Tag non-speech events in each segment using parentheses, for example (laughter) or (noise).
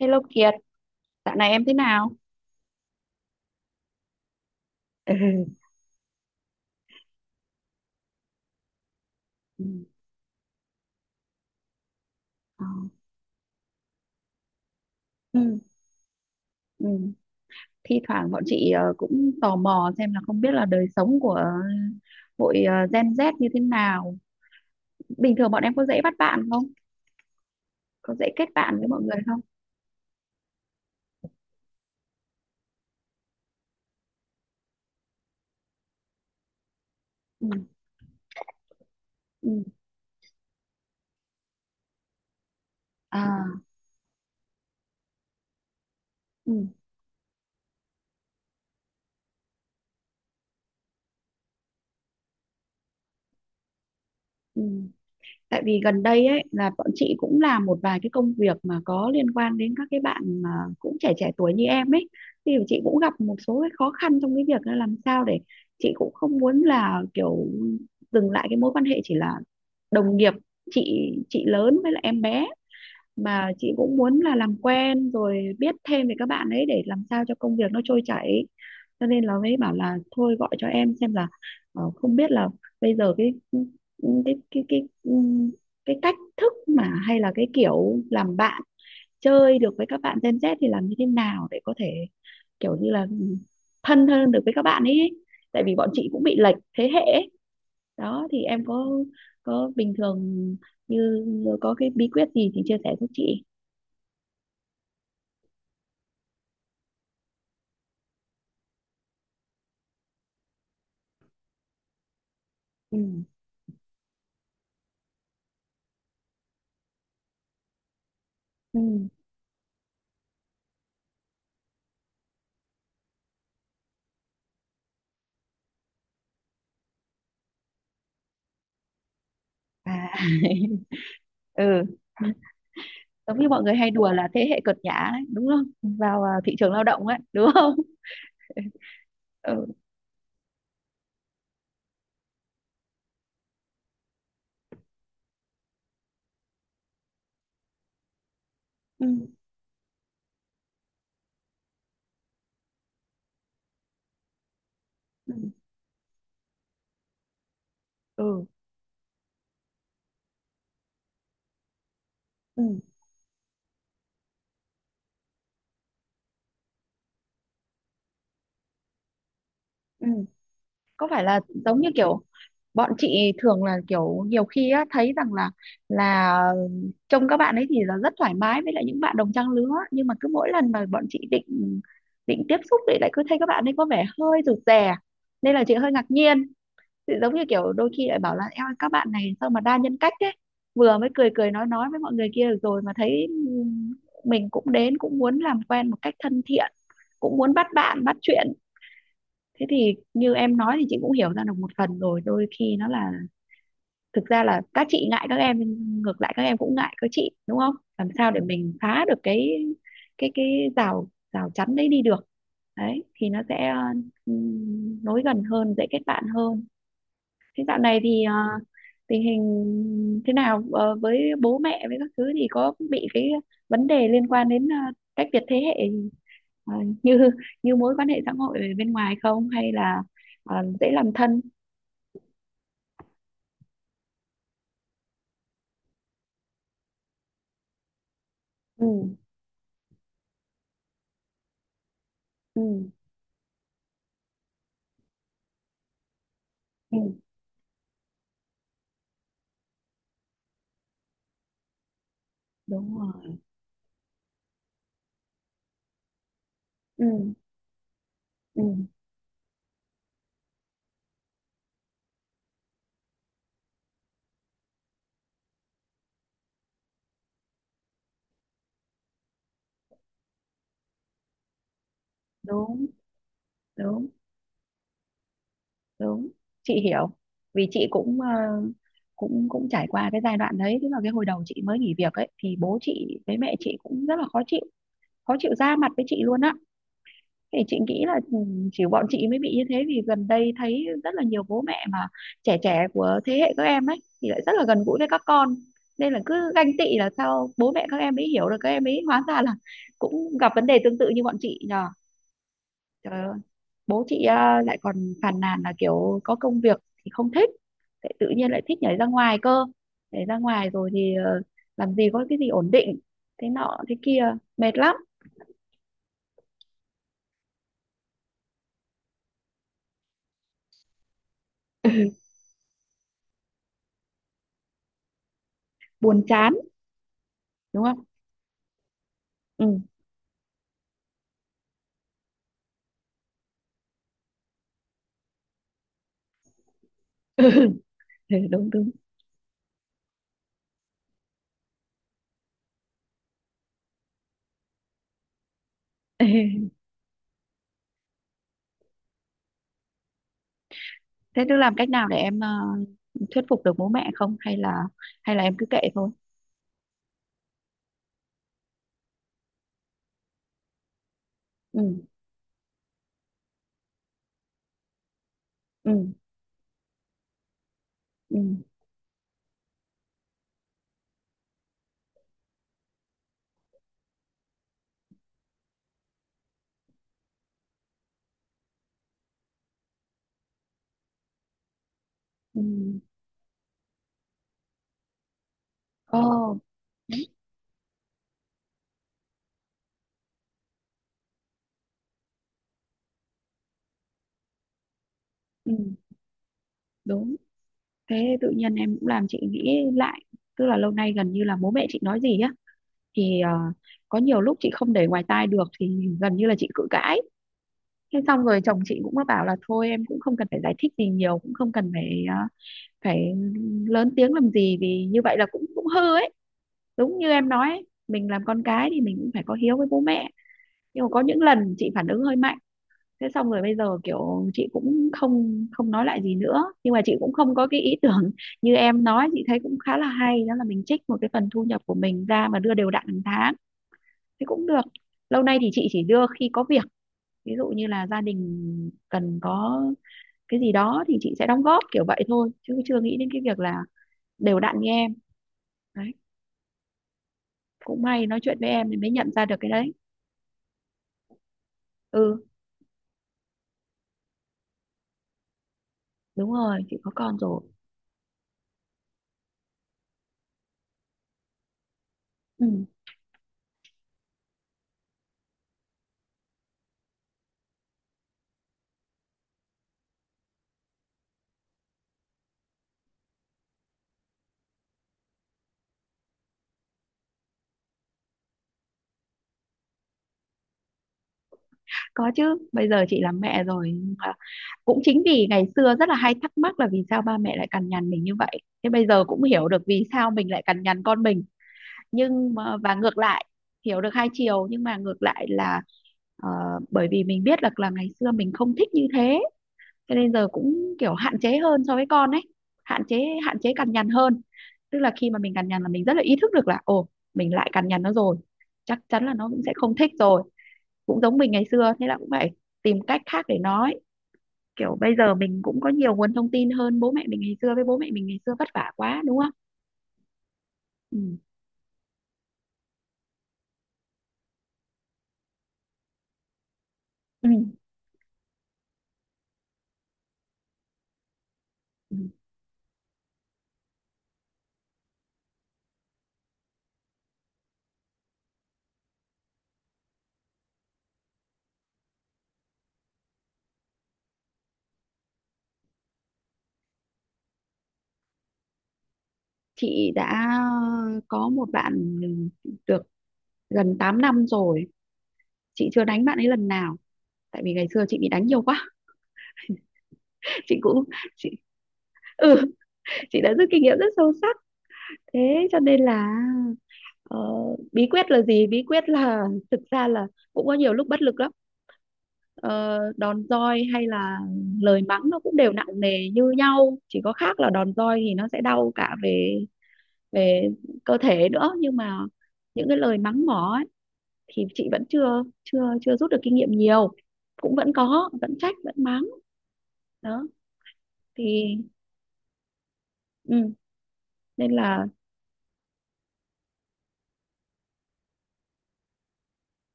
Hello Kiệt, dạo này em thế nào? Ừ. Ừ. Ờ. Ừ. Ừ. Thi thoảng bọn chị cũng tò mò xem là không biết là đời sống của hội Gen Z như thế nào. Bình thường bọn em có dễ bắt bạn không? Có dễ kết bạn với mọi người không? Ừ. Ừ. À. Ừ. Ừ. Tại vì gần đây ấy là bọn chị cũng làm một vài cái công việc mà có liên quan đến các cái bạn mà cũng trẻ trẻ tuổi như em ấy, thì chị cũng gặp một số cái khó khăn trong cái việc là làm sao để chị cũng không muốn là kiểu dừng lại cái mối quan hệ chỉ là đồng nghiệp, chị lớn với lại em bé, mà chị cũng muốn là làm quen rồi biết thêm về các bạn ấy để làm sao cho công việc nó trôi chảy, cho nên là mới bảo là thôi gọi cho em xem là không biết là bây giờ cái cái cái ừm, cái cách thức mà hay là cái kiểu làm bạn chơi được với các bạn Gen Z thì làm như thế nào để có thể kiểu như là thân hơn được với các bạn ấy, tại vì bọn chị cũng bị lệch thế hệ ấy. Đó thì em có bình thường như có cái bí quyết gì thì chia sẻ giúp chị. Ừ. Ừm. À. (laughs) Ừ. Giống như mọi người hay đùa là thế hệ cợt nhả đấy, đúng không? Vào, thị trường lao động ấy, đúng không? (laughs) Ừ. Ừ. Ừ. Ừ. Ừm. Ừm. Có phải là giống như kiểu bọn chị thường là kiểu nhiều khi á, thấy rằng là trông các bạn ấy thì là rất thoải mái với lại những bạn đồng trang lứa, nhưng mà cứ mỗi lần mà bọn chị định định tiếp xúc thì lại cứ thấy các bạn ấy có vẻ hơi rụt rè, nên là chị hơi ngạc nhiên. Thì giống như kiểu đôi khi lại bảo là em ơi, các bạn này sao mà đa nhân cách thế, vừa mới cười cười nói với mọi người kia được rồi mà thấy mình cũng đến cũng muốn làm quen một cách thân thiện, cũng muốn bắt bạn bắt chuyện. Thế thì như em nói thì chị cũng hiểu ra được một phần rồi, đôi khi nó là thực ra là các chị ngại các em nhưng ngược lại các em cũng ngại các chị, đúng không, làm sao để mình phá được cái rào rào chắn đấy đi được, đấy thì nó sẽ nối gần hơn, dễ kết bạn hơn. Thế dạo này thì tình hình thế nào? Ờ, với bố mẹ với các thứ thì có bị cái vấn đề liên quan đến cách biệt thế hệ ờ, như như mối quan hệ xã hội ở bên ngoài không, hay là dễ làm thân? Ừ. Ừ. Ừ, đúng rồi. Ừ. Ừ, đúng, đúng, đúng. Chị hiểu. Vì chị cũng ờ, cũng cũng trải qua cái giai đoạn đấy, tức là cái hồi đầu chị mới nghỉ việc ấy thì bố chị với mẹ chị cũng rất là khó chịu ra mặt với chị luôn á. Thì chị nghĩ là chỉ bọn chị mới bị như thế, vì gần đây thấy rất là nhiều bố mẹ mà trẻ trẻ của thế hệ các em ấy thì lại rất là gần gũi với các con, nên là cứ ganh tị là sao bố mẹ các em ấy hiểu được các em ấy, hóa ra là cũng gặp vấn đề tương tự như bọn chị nhờ. Trời ơi, bố chị à, lại còn phàn nàn là kiểu có công việc thì không thích, lại tự nhiên lại thích nhảy ra ngoài cơ, nhảy ra ngoài rồi thì làm gì có cái gì ổn định, thế nọ thế kia, mệt lắm. (laughs) Buồn chán, đúng không? Ừ. (laughs) Ừ, đúng đúng. (laughs) Ê, thế tức làm cách nào để em thuyết phục được bố mẹ không, hay là em cứ kệ thôi? Ừ. Ừ. Ừ. Ừ. Ồ. Ừ, đúng. Thế tự nhiên em cũng làm chị nghĩ lại, tức là lâu nay gần như là bố mẹ chị nói gì á thì có nhiều lúc chị không để ngoài tai được thì gần như là chị cự cãi. Thế xong rồi chồng chị cũng có bảo là thôi em cũng không cần phải giải thích gì nhiều, cũng không cần phải lớn tiếng làm gì, vì như vậy là cũng cũng hư ấy, đúng như em nói ấy, mình làm con cái thì mình cũng phải có hiếu với bố mẹ, nhưng mà có những lần chị phản ứng hơi mạnh. Thế xong rồi bây giờ kiểu chị cũng không không nói lại gì nữa, nhưng mà chị cũng không có cái ý tưởng (laughs) như em nói. Chị thấy cũng khá là hay, đó là mình trích một cái phần thu nhập của mình ra mà đưa đều đặn hàng tháng thì cũng được. Lâu nay thì chị chỉ đưa khi có việc, ví dụ như là gia đình cần có cái gì đó thì chị sẽ đóng góp kiểu vậy thôi, chứ chưa nghĩ đến cái việc là đều đặn như em. Đấy, cũng may nói chuyện với em thì mới nhận ra được cái đấy. Ừ, đúng rồi, chị có con rồi. Ừ, có chứ. Bây giờ chị làm mẹ rồi, nhưng mà cũng chính vì ngày xưa rất là hay thắc mắc là vì sao ba mẹ lại cằn nhằn mình như vậy, thế bây giờ cũng hiểu được vì sao mình lại cằn nhằn con mình. Nhưng mà, và ngược lại, hiểu được hai chiều nhưng mà ngược lại là ờ, bởi vì mình biết là ngày xưa mình không thích như thế, cho nên giờ cũng kiểu hạn chế hơn so với con ấy, hạn chế, hạn chế cằn nhằn hơn. Tức là khi mà mình cằn nhằn là mình rất là ý thức được là ồ, mình lại cằn nhằn nó rồi, chắc chắn là nó cũng sẽ không thích rồi, cũng giống mình ngày xưa, thế là cũng phải tìm cách khác để nói. Kiểu bây giờ mình cũng có nhiều nguồn thông tin hơn bố mẹ mình ngày xưa, với bố mẹ mình ngày xưa vất vả quá, đúng không? Ừ. Ừ. Ừ. Chị đã có một bạn được gần 8 năm rồi, chị chưa đánh bạn ấy lần nào tại vì ngày xưa chị bị đánh nhiều quá. (laughs) chị cũng chị ừ Chị đã rút kinh nghiệm rất sâu sắc, thế cho nên là ờ, bí quyết là gì, bí quyết là (laughs) thực ra là cũng có nhiều lúc bất lực lắm. Ờ, đòn roi hay là lời mắng nó cũng đều nặng nề như nhau, chỉ có khác là đòn roi thì nó sẽ đau cả về về cơ thể nữa, nhưng mà những cái lời mắng mỏ ấy, thì chị vẫn chưa chưa chưa rút được kinh nghiệm nhiều, cũng vẫn có vẫn trách vẫn mắng. Đó thì ừ, nên là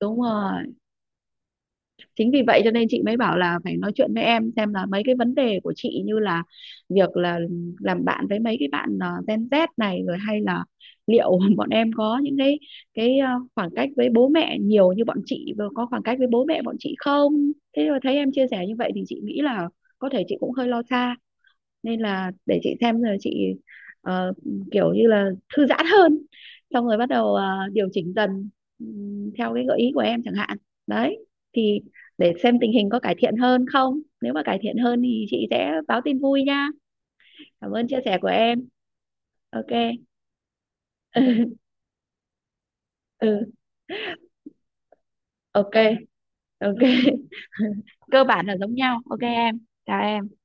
đúng rồi, chính vì vậy cho nên chị mới bảo là phải nói chuyện với em xem là mấy cái vấn đề của chị, như là việc là làm bạn với mấy cái bạn Gen Z này rồi, hay là liệu (laughs) bọn em có những cái ờ, khoảng cách với bố mẹ nhiều như bọn chị và có khoảng cách với bố mẹ bọn chị không. Thế rồi thấy em chia sẻ như vậy thì chị nghĩ là có thể chị cũng hơi lo xa, nên là để chị xem rồi chị ờ, kiểu như là thư giãn hơn, xong rồi bắt đầu điều chỉnh dần, theo cái gợi ý của em chẳng hạn. Đấy, thì để xem tình hình có cải thiện hơn không, nếu mà cải thiện hơn thì chị sẽ báo tin vui nha. Cảm ơn chia sẻ của em. OK. (laughs) Ừ. OK. OK. (laughs) Cơ bản là giống nhau, OK em, chào em.